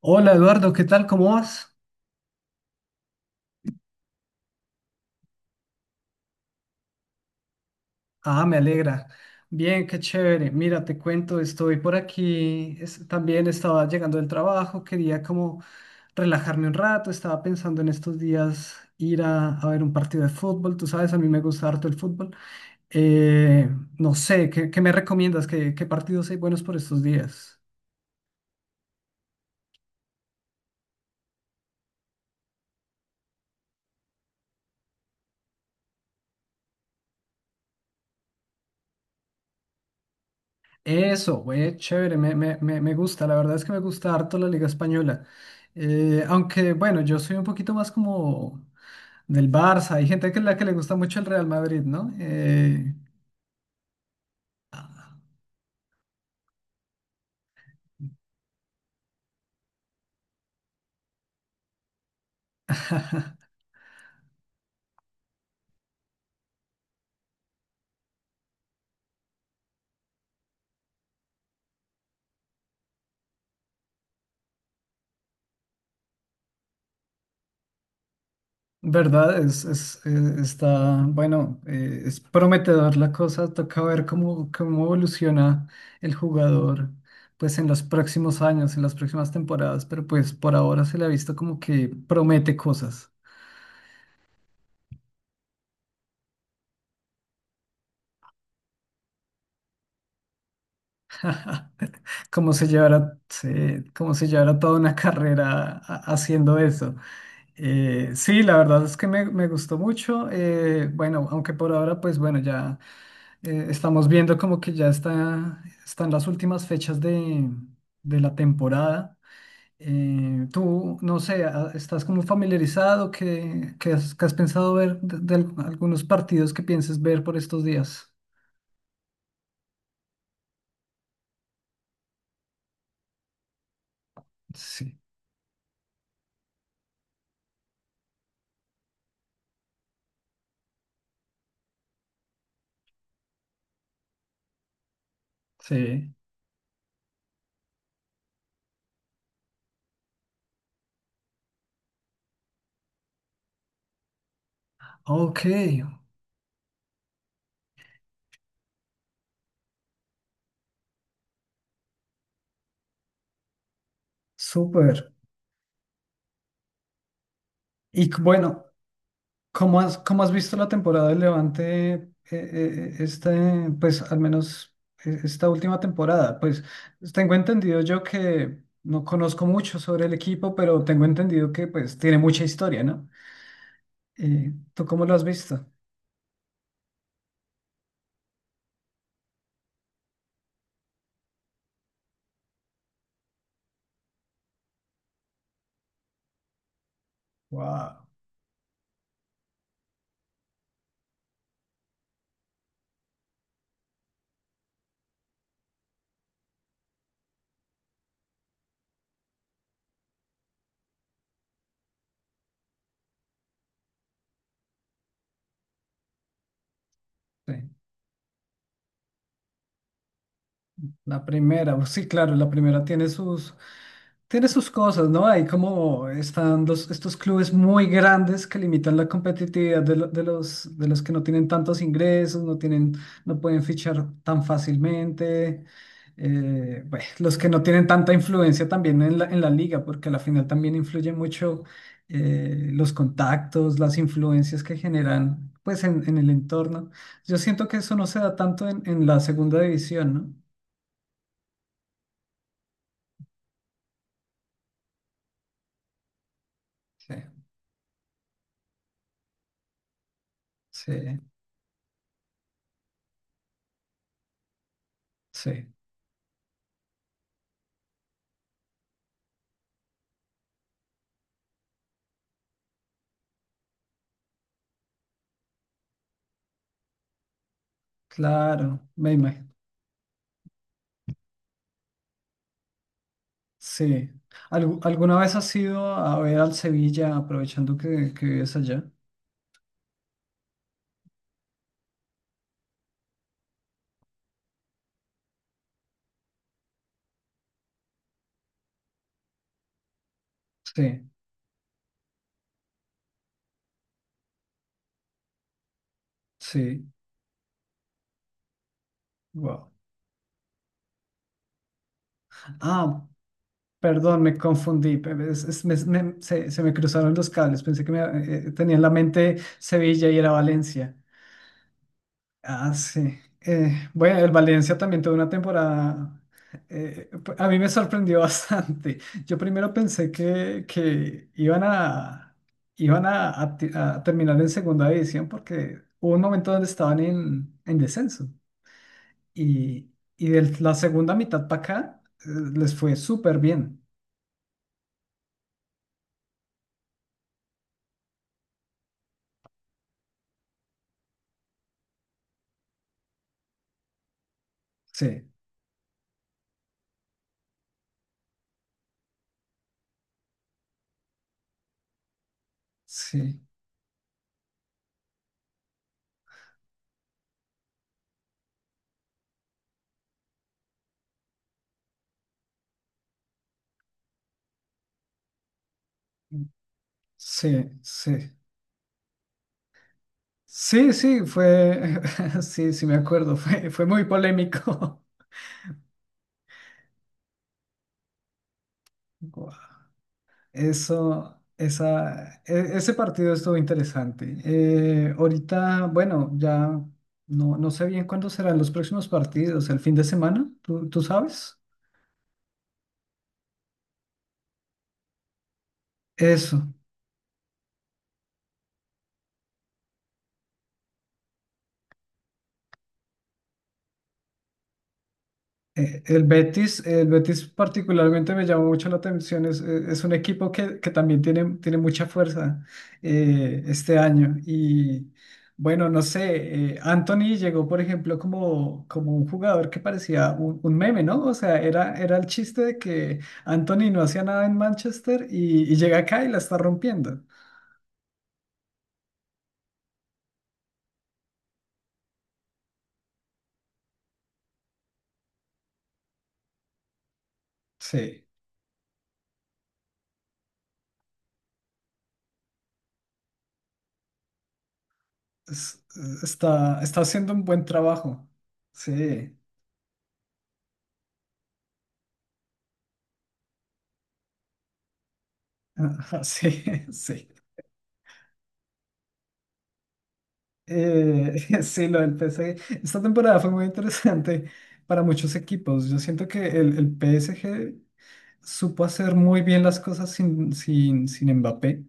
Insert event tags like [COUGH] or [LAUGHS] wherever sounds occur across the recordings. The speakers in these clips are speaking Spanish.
Hola Eduardo, ¿qué tal? ¿Cómo vas? Ah, me alegra. Bien, qué chévere. Mira, te cuento, estoy por aquí. También estaba llegando del trabajo, quería como relajarme un rato. Estaba pensando en estos días ir a ver un partido de fútbol. Tú sabes, a mí me gusta harto el fútbol. Eh, no sé, ¿qué me recomiendas? ¿Qué partidos hay buenos por estos días? Eso, güey, chévere, me gusta. La verdad es que me gusta harto la Liga Española. Aunque, bueno, yo soy un poquito más como del Barça. Hay gente que le gusta mucho el Real Madrid, ¿no? Verdad, es prometedor la cosa. Toca ver cómo evoluciona el jugador, pues en los próximos años, en las próximas temporadas. Pero pues por ahora se le ha visto como que promete cosas. Como se llevará, como se llevará toda una [LAUGHS] carrera haciendo eso. Sí, la verdad es que me gustó mucho. Bueno, aunque por ahora, pues bueno, ya. Estamos viendo como que ya está, están las últimas fechas de la temporada. Tú, no sé, ¿estás como familiarizado? ¿Qué has pensado ver de algunos partidos que pienses ver por estos días? Sí, sí. Ok, súper. Y c- bueno. Cómo has visto la temporada del Levante, este, pues al menos esta última temporada? Pues tengo entendido yo que no conozco mucho sobre el equipo, pero tengo entendido que pues tiene mucha historia, ¿no? ¿Tú cómo lo has visto? Wow. La primera, pues sí, claro, la primera tiene tiene sus cosas, ¿no? Hay como están estos clubes muy grandes que limitan la competitividad de los que no tienen tantos ingresos, no tienen, no pueden fichar tan fácilmente. Bueno, los que no tienen tanta influencia también en en la liga, porque a la final también influye mucho los contactos, las influencias que generan, pues, en el entorno. Yo siento que eso no se da tanto en la segunda división, ¿no? Sí. Sí, sí, claro, me imagino. Sí. ¿Alguna vez has ido a ver al Sevilla aprovechando que vives allá? Sí, sí, wow. Ah, perdón, me confundí. Se me cruzaron los cables. Pensé que me, tenía en la mente Sevilla y era Valencia. Ah, sí. Bueno, el Valencia también tuvo una temporada. A mí me sorprendió [LAUGHS] bastante. Yo primero pensé que iban a, iban a, a terminar en segunda división porque hubo un momento donde estaban en descenso. Y, y de la segunda mitad para acá, les fue súper bien. Sí, sí. Sí, sí. Sí, sí, fue, [LAUGHS] sí, sí me acuerdo, fue, fue muy polémico. [LAUGHS] Guau. Eso, esa, e- ese partido estuvo interesante. Ahorita, bueno, ya no, no sé bien cuándo serán los próximos partidos, el fin de semana, ¿tú sabes? Eso. El Betis particularmente me llama mucho la atención, es un equipo que también tiene, tiene mucha fuerza este año y bueno, no sé, Anthony llegó por ejemplo como, como un jugador que parecía un meme, ¿no? O sea, era, era el chiste de que Anthony no hacía nada en Manchester y llega acá y la está rompiendo. Sí, es- está, está haciendo un buen trabajo. Sí, [LAUGHS] sí, sí. [LAUGHS] Sí, lo del PSG. Esta temporada fue muy interesante para muchos equipos. Yo siento que el PSG supo hacer muy bien las cosas sin Mbappé.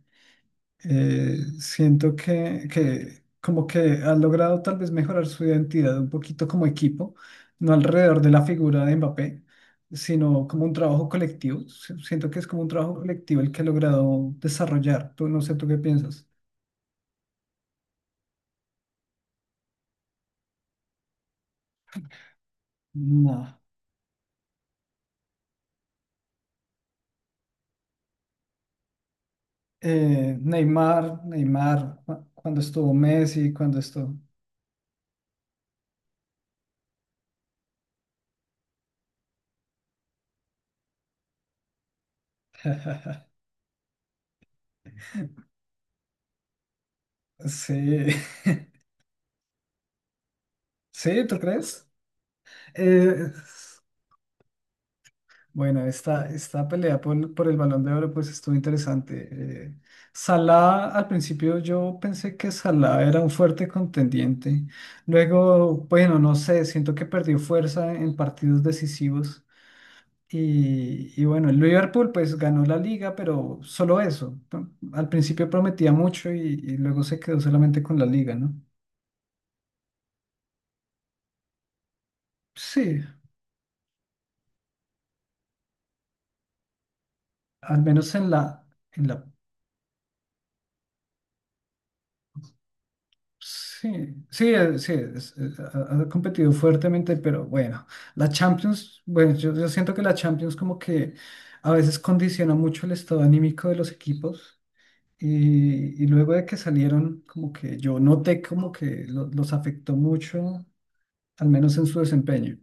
Siento que como que ha logrado tal vez mejorar su identidad un poquito como equipo, no alrededor de la figura de Mbappé, sino como un trabajo colectivo. Si- Siento que es como un trabajo colectivo el que ha logrado desarrollar. Tú, no sé, ¿tú qué piensas? No. Neymar, Neymar, cuando estuvo Messi, cuando estuvo... [LAUGHS] Sí, [LAUGHS] sí, ¿tú crees? Eh, bueno, esta pelea por el Balón de Oro pues estuvo interesante. Eh, Salah, al principio yo pensé que Salah era un fuerte contendiente. Luego, bueno, no sé, siento que perdió fuerza en partidos decisivos. Y bueno, el Liverpool pues ganó la liga, pero solo eso. Al principio prometía mucho y luego se quedó solamente con la liga, ¿no? Sí, al menos en la, sí, sí, sí, ha, ha competido fuertemente, pero bueno, la Champions, bueno, yo siento que la Champions como que a veces condiciona mucho el estado anímico de los equipos. Y luego de que salieron, como que yo noté como que los afectó mucho, al menos en su desempeño.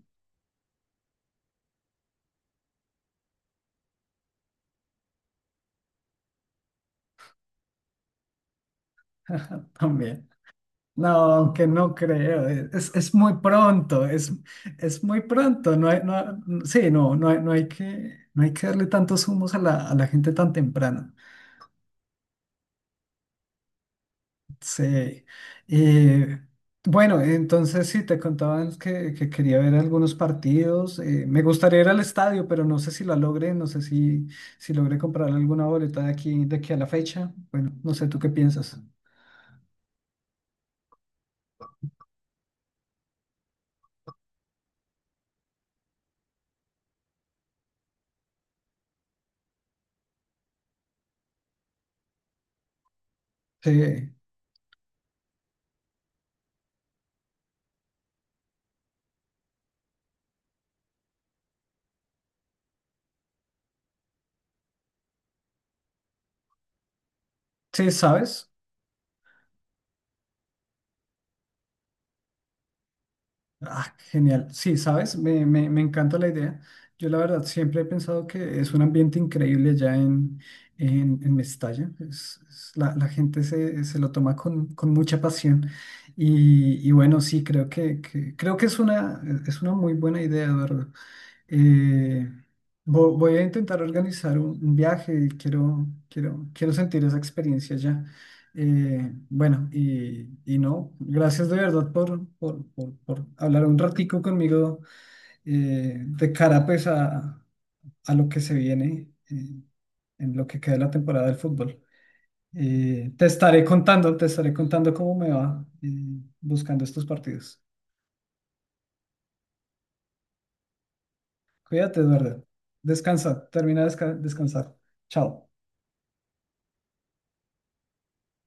[LAUGHS] También. No, aunque no creo, es muy pronto, no hay, no, sí, no, no hay que darle tantos humos a a la gente tan temprano. Sí. Eh, bueno, entonces sí, te contaban que quería ver algunos partidos, me gustaría ir al estadio, pero no sé si la logré, no sé si, si logré comprar alguna boleta de aquí a la fecha, bueno, no sé, ¿tú qué piensas? Sí, sí, ¿sabes? Ah, genial. Sí, sabes, me encanta la idea. Yo la verdad siempre he pensado que es un ambiente increíble ya en Mestalla. Es- la, la gente se lo toma con mucha pasión. Y bueno, sí, creo creo que es una muy buena idea, Eduardo. Eh, voy a intentar organizar un viaje, quiero, quiero, quiero sentir esa experiencia ya. Bueno, y no, gracias de verdad por hablar un ratico conmigo de cara pues a lo que se viene en lo que queda de la temporada del fútbol. Te estaré contando cómo me va buscando estos partidos. Cuídate, Eduardo. Descansa, termina de descansar. Chao.